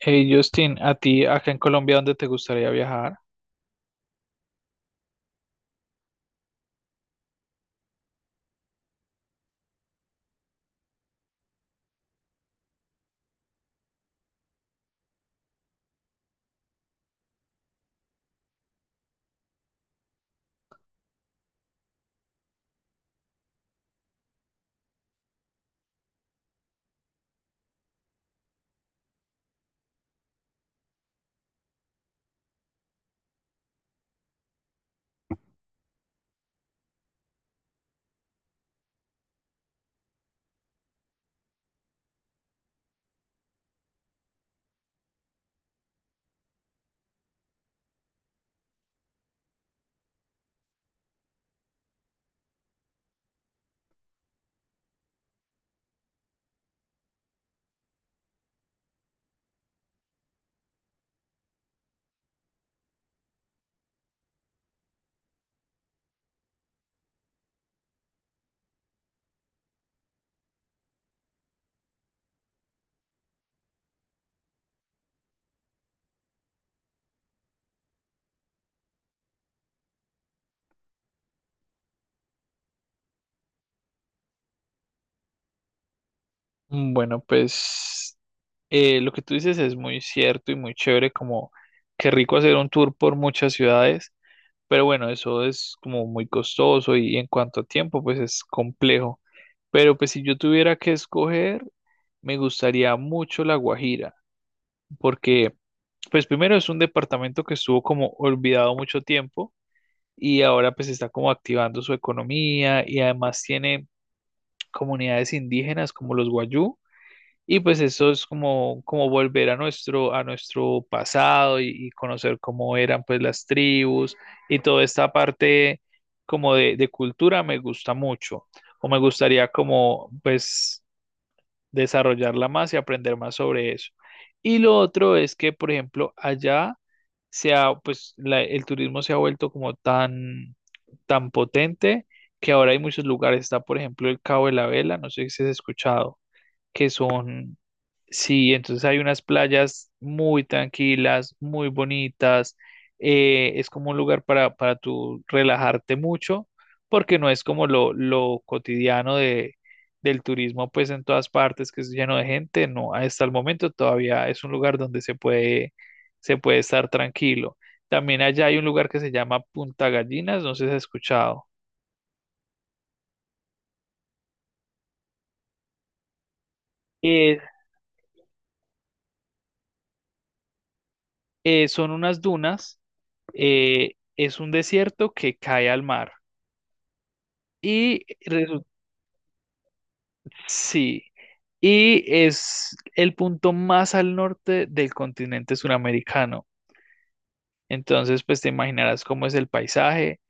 Hey Justin, ¿a ti acá en Colombia dónde te gustaría viajar? Mm, bueno, pues lo que tú dices es muy cierto y muy chévere, como qué rico hacer un tour por muchas ciudades, pero bueno, eso es como muy costoso y en cuanto a tiempo, pues es complejo. Pero pues si yo tuviera que escoger, me gustaría mucho La Guajira, porque pues primero es un departamento que estuvo como olvidado mucho tiempo y ahora pues está como activando su economía y además tiene comunidades indígenas como los Guayú. Y pues eso es como, como volver a nuestro pasado y conocer cómo eran pues las tribus y toda esta parte como de cultura me gusta mucho. O me gustaría como pues desarrollarla más y aprender más sobre eso. Y lo otro es que, por ejemplo, allá se ha, pues, el turismo se ha vuelto como tan, tan potente que ahora hay muchos lugares. Está, por ejemplo, el Cabo de la Vela, no sé si has escuchado, que son... Sí, entonces hay unas playas muy tranquilas, muy bonitas. Es como un lugar para tú relajarte mucho, porque no es como lo cotidiano de, del turismo, pues en todas partes, que es lleno de gente. No, hasta el momento todavía es un lugar donde se puede estar tranquilo. También allá hay un lugar que se llama Punta Gallinas, no sé si has escuchado. Eh, son unas dunas, es un desierto que cae al mar. Y resu- sí, y es el punto más al norte del continente suramericano. Entonces, pues te imaginarás cómo es el paisaje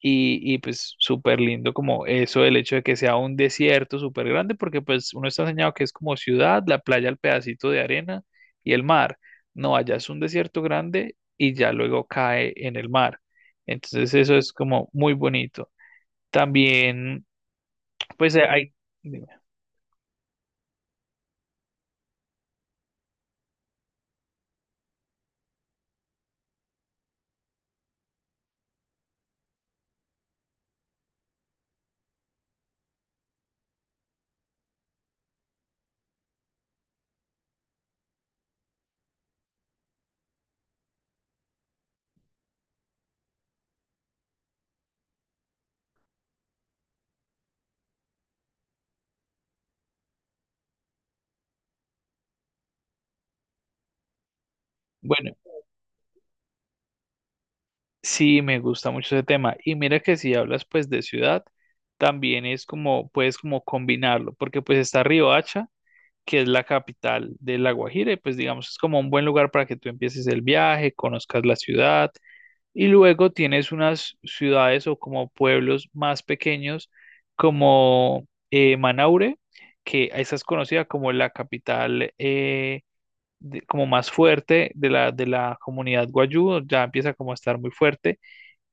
y, pues súper lindo como eso, el hecho de que sea un desierto súper grande, porque pues uno está enseñado que es como ciudad, la playa, el pedacito de arena y el mar. No, allá es un desierto grande y ya luego cae en el mar. Entonces, eso es como muy bonito. También, pues hay... Dime. Bueno. Sí, me gusta mucho ese tema. Y mira que si hablas pues de ciudad, también es como, puedes como combinarlo, porque pues está Riohacha, que es la capital de La Guajira, y pues digamos es como un buen lugar para que tú empieces el viaje, conozcas la ciudad, y luego tienes unas ciudades o como pueblos más pequeños como Manaure, que esa es conocida como la capital como más fuerte de la comunidad Guayú, ya empieza como a estar muy fuerte.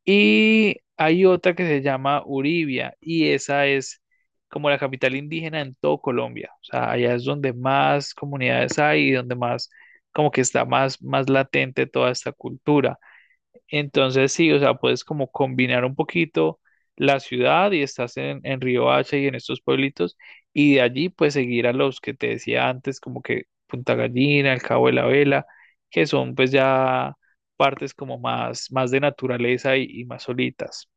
Y hay otra que se llama Uribia y esa es como la capital indígena en todo Colombia. O sea, allá es donde más comunidades hay y donde más, como que está más, más latente toda esta cultura. Entonces, sí, o sea, puedes como combinar un poquito la ciudad y estás en Río Hacha y en estos pueblitos, y de allí pues seguir a los que te decía antes, como que Punta Gallina, el Cabo de la Vela, que son pues ya partes como más, más de naturaleza y más solitas.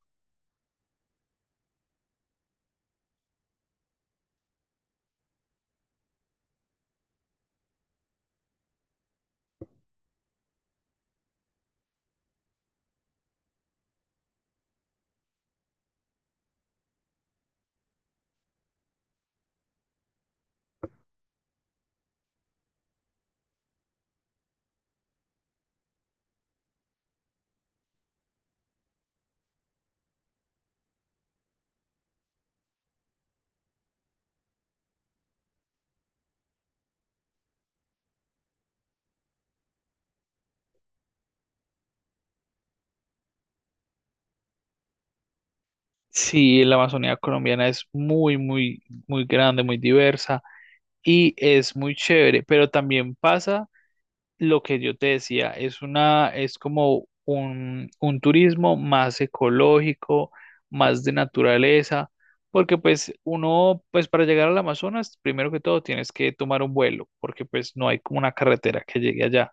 Sí, la Amazonía colombiana es muy, muy, muy grande, muy diversa y es muy chévere, pero también pasa lo que yo te decía, es una, es como un turismo más ecológico, más de naturaleza, porque pues uno, pues para llegar al Amazonas, primero que todo tienes que tomar un vuelo, porque pues no hay como una carretera que llegue allá.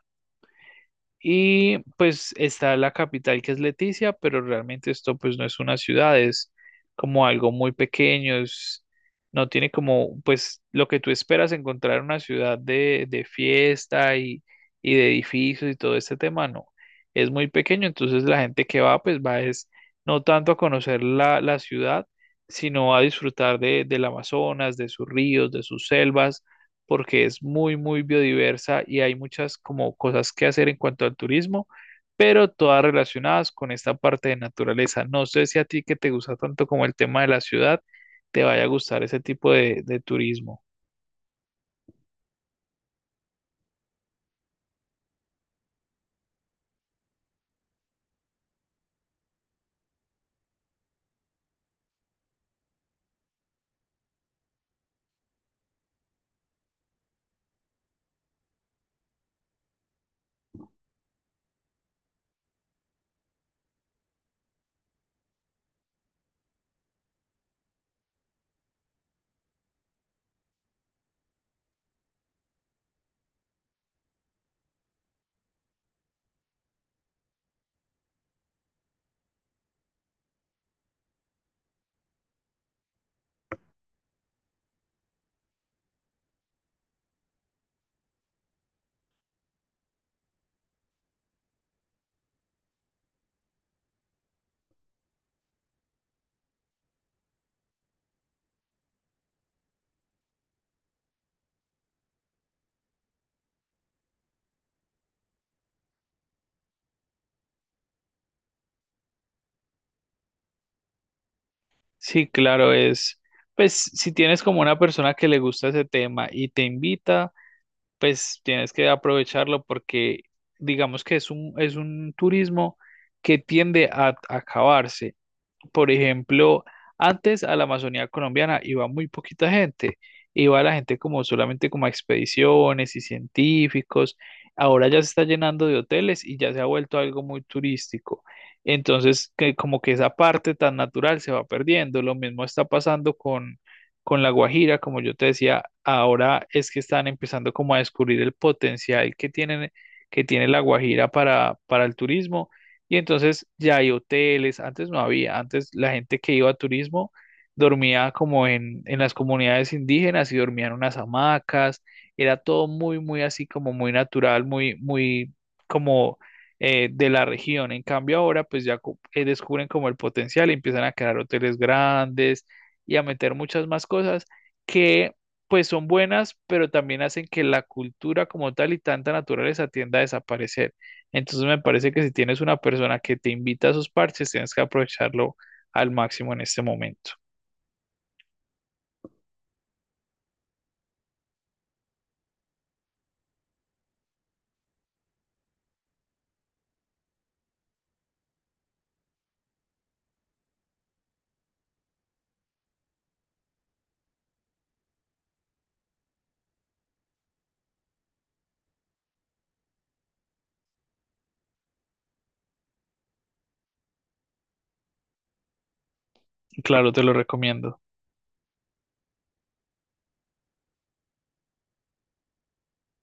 Y pues está la capital que es Leticia, pero realmente esto pues no es una ciudad, es como algo muy pequeño, es- no tiene como pues lo que tú esperas encontrar en una ciudad de fiesta y de edificios y todo este tema, no, es muy pequeño, entonces la gente que va pues va es no tanto a conocer la, la ciudad, sino a disfrutar de, del Amazonas, de sus ríos, de sus selvas porque es muy, muy biodiversa y hay muchas como cosas que hacer en cuanto al turismo, pero todas relacionadas con esta parte de naturaleza. No sé si a ti que te gusta tanto como el tema de la ciudad, te vaya a gustar ese tipo de turismo. Sí, claro, es, pues si tienes como una persona que le gusta ese tema y te invita, pues tienes que aprovecharlo porque digamos que es un turismo que tiende a acabarse. Por ejemplo, antes a la Amazonía colombiana iba muy poquita gente, iba la gente como solamente como a expediciones y científicos. Ahora ya se está llenando de hoteles y ya se ha vuelto algo muy turístico. Entonces, que como que esa parte tan natural se va perdiendo. Lo mismo está pasando con La Guajira, como yo te decía, ahora es que están empezando como a descubrir el potencial que tienen, que tiene La Guajira para el turismo y entonces ya hay hoteles, antes no había, antes la gente que iba a turismo dormía como en las comunidades indígenas y dormían en unas hamacas, era todo muy, muy así como muy natural, muy, muy como de la región. En cambio ahora pues ya descubren como el potencial y empiezan a crear hoteles grandes y a meter muchas más cosas que pues son buenas, pero también hacen que la cultura como tal y tanta naturaleza tienda a desaparecer. Entonces me parece que si tienes una persona que te invita a esos parches, tienes que aprovecharlo al máximo en este momento. Claro, te lo recomiendo.